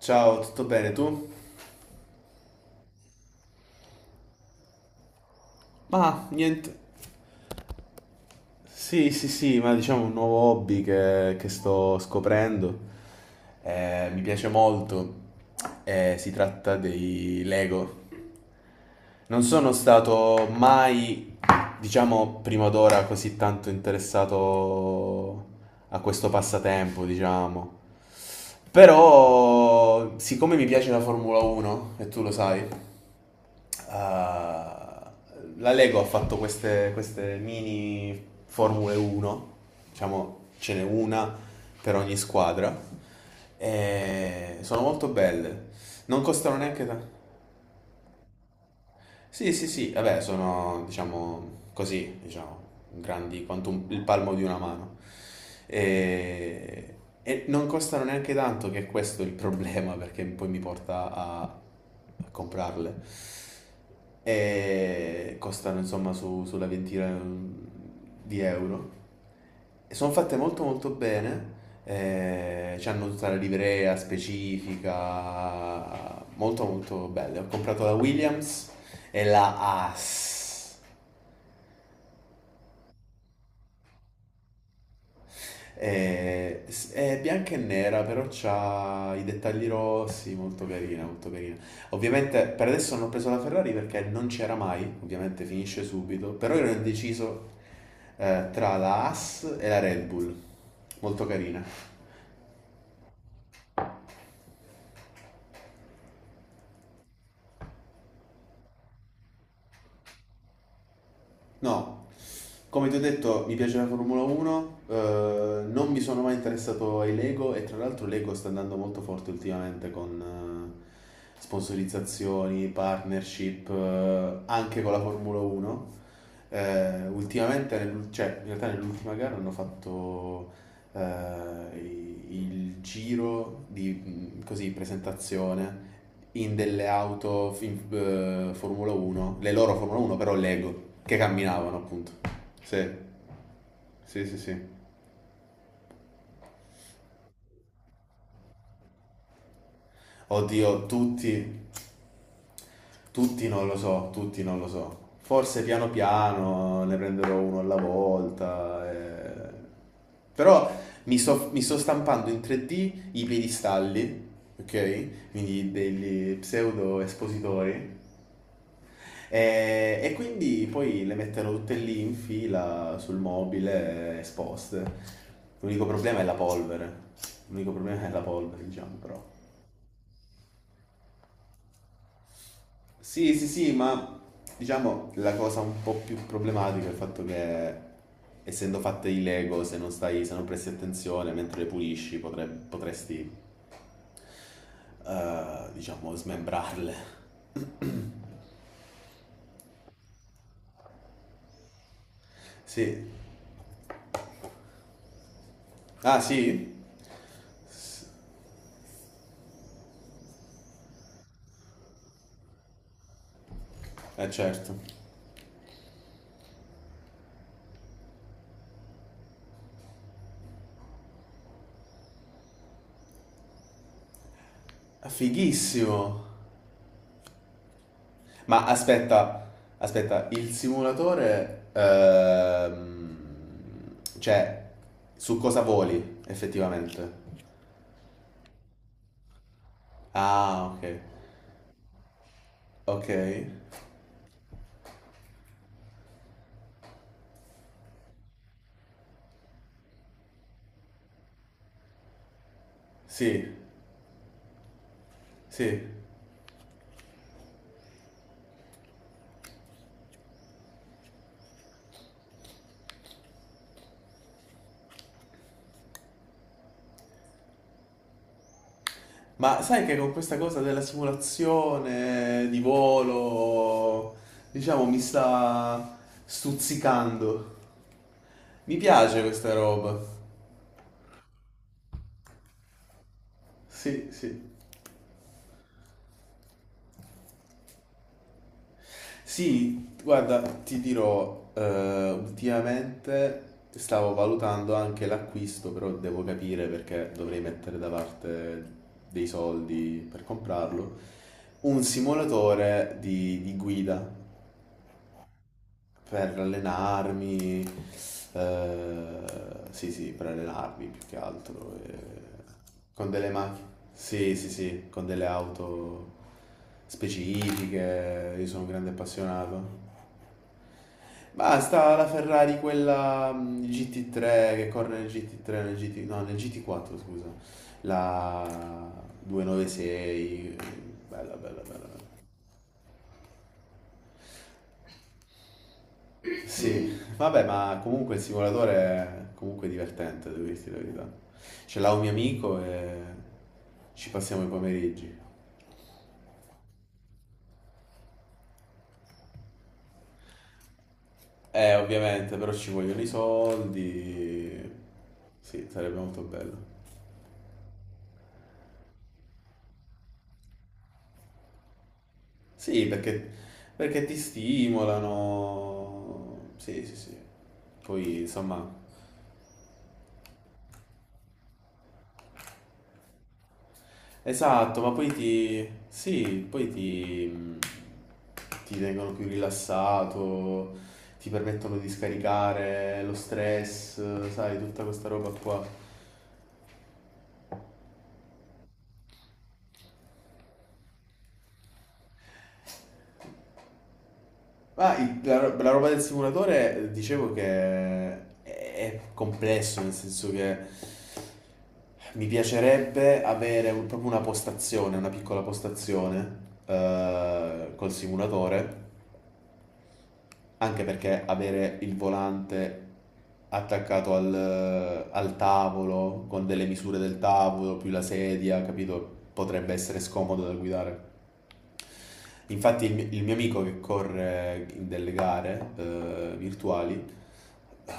Ciao, tutto bene tu? Ma niente. Sì, sì, sì, ma diciamo un nuovo hobby che sto scoprendo. Mi piace molto. Si tratta dei Lego. Non sono stato mai, diciamo, prima d'ora così tanto interessato a questo passatempo, diciamo. Però, siccome mi piace la Formula 1, e tu lo sai. Ah, la Lego ha fatto queste mini Formule 1, diciamo ce n'è una per ogni squadra, e sono molto belle, non costano neanche tanto. Sì, sì, sì, vabbè, sono, diciamo, così, diciamo, grandi quanto il palmo di una mano. E, e non costano neanche tanto, che è questo il problema, perché poi mi porta a comprarle. E costano, insomma, sulla ventina di euro. Sono fatte molto molto bene, hanno tutta la livrea specifica, molto molto belle. Ho comprato la Williams e la Haas. È bianca e nera, però ha i dettagli rossi, molto carina, molto carina. Ovviamente per adesso non ho preso la Ferrari perché non c'era mai, ovviamente finisce subito, però io ero indeciso tra la Haas e la Red Bull, molto carina. No, come ti ho detto, mi piace la Formula 1, non mi sono mai interessato ai Lego e tra l'altro Lego sta andando molto forte ultimamente con sponsorizzazioni, partnership, anche con la Formula 1. Ultimamente, cioè, in realtà nell'ultima gara hanno fatto il giro di così, presentazione in delle auto in, Formula 1, le loro Formula 1 però Lego, che camminavano appunto. Sì, sì, sì, sì. Oddio, tutti, tutti non lo so, tutti non lo so. Forse piano piano ne prenderò uno alla volta. Però mi sto stampando in 3D i piedistalli, ok? Quindi degli pseudo espositori. E quindi poi le metterò tutte lì in fila sul mobile, esposte. L'unico problema è la polvere. L'unico problema è la polvere, diciamo, però. Sì, sì, sì, ma diciamo la cosa un po' più problematica è il fatto che essendo fatte di Lego, se non presti attenzione mentre le pulisci, potresti, diciamo, smembrarle. Sì. Ah, sì? Eh certo. Fighissimo. Ma aspetta, aspetta, il simulatore, cioè, su cosa voli effettivamente? Ah, ok, ok, sì, sì. Ma sai che con questa cosa della simulazione di volo, diciamo, mi sta stuzzicando. Mi piace questa roba. Sì, sì. Sì, guarda, ti dirò, ultimamente stavo valutando anche l'acquisto, però devo capire perché dovrei mettere da parte dei soldi per comprarlo, un simulatore di guida per allenarmi, eh, sì sì, per allenarmi più che altro, con delle macchine, sì sì sì, con delle auto specifiche, io sono un grande appassionato. Basta la Ferrari, quella GT3 che corre nel GT3, nel GT, no, nel GT4, scusa. La 296, bella, bella, bella, bella. Sì, vabbè, ma comunque il simulatore è comunque divertente, devo dirti la verità. Ce l'ha un mio amico e ci passiamo i pomeriggi. Ovviamente, però ci vogliono i soldi. Sì, sarebbe molto bello. Sì, perché ti stimolano. Sì, sì, sì. Poi, insomma, esatto, sì, ti tengono più rilassato, ti permettono di scaricare lo stress, sai, tutta questa roba qua. Ah, la roba del simulatore, dicevo che è complesso, nel senso che mi piacerebbe avere proprio una postazione, una piccola postazione col simulatore, anche perché avere il volante attaccato al tavolo, con delle misure del tavolo, più la sedia, capito? Potrebbe essere scomodo da guidare. Infatti il mio amico che corre in delle gare virtuali,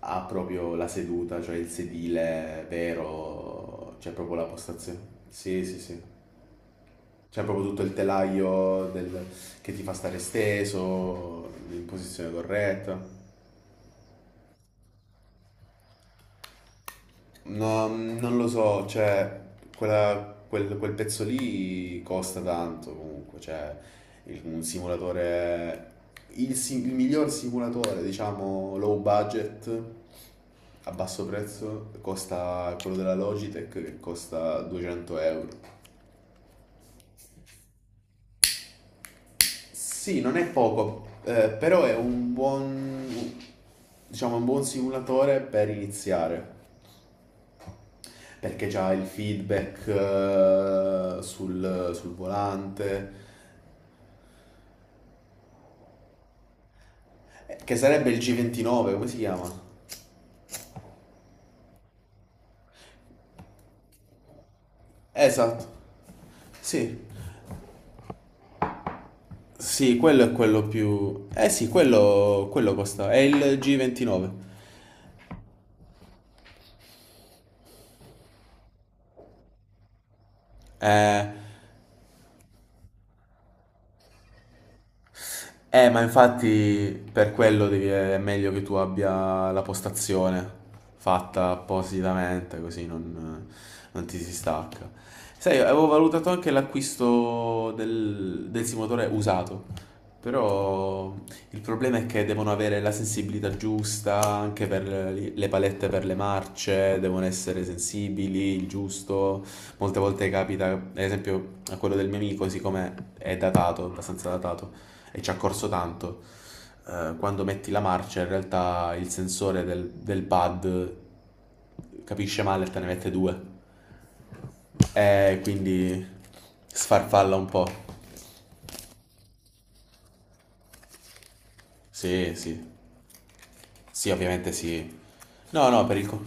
ha proprio la seduta, cioè il sedile vero, c'è proprio la postazione. Sì, sì, sì. C'è proprio tutto il telaio che ti fa stare steso, in posizione corretta. No, non lo so, cioè, quel pezzo lì costa tanto comunque, cioè, un simulatore, il miglior simulatore, diciamo, low budget, a basso prezzo, costa quello della Logitech che costa 200 euro. Sì, non è poco, però è un buon, diciamo, un buon simulatore per iniziare. Perché c'ha il feedback sul volante, che sarebbe il G29, come si chiama? Esatto, sì, sì, quello è quello più... eh sì, quello costa, è il G29. Eh, ma infatti per quello è meglio che tu abbia la postazione fatta appositamente, così non ti si stacca. Sai, avevo valutato anche l'acquisto del simulatore usato, però il problema è che devono avere la sensibilità giusta anche per le palette per le marce, devono essere sensibili, il giusto. Molte volte capita, ad esempio, a quello del mio amico, siccome è datato, abbastanza datato e ci ha corso tanto. Quando metti la marcia, in realtà il sensore del pad capisce male e te ne mette due. E quindi sfarfalla un po'. Sì, sì. Sì, ovviamente sì. No, no, per il... co-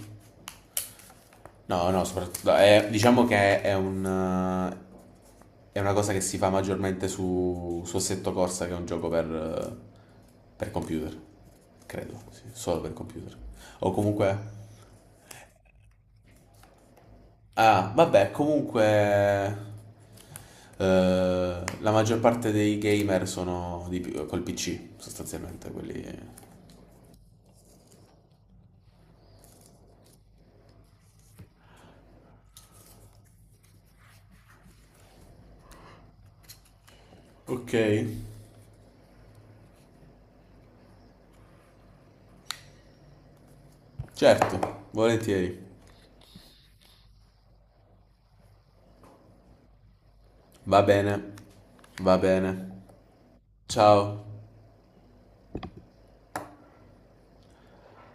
No, no, soprattutto, diciamo che è è una cosa che si fa maggiormente su Assetto Corsa, che è un gioco per computer, credo, sì, solo per computer. O comunque Ah, vabbè, comunque la maggior parte dei gamer sono col PC, sostanzialmente, quelli... Ok. Certo, volentieri. Va bene, va bene. Ciao.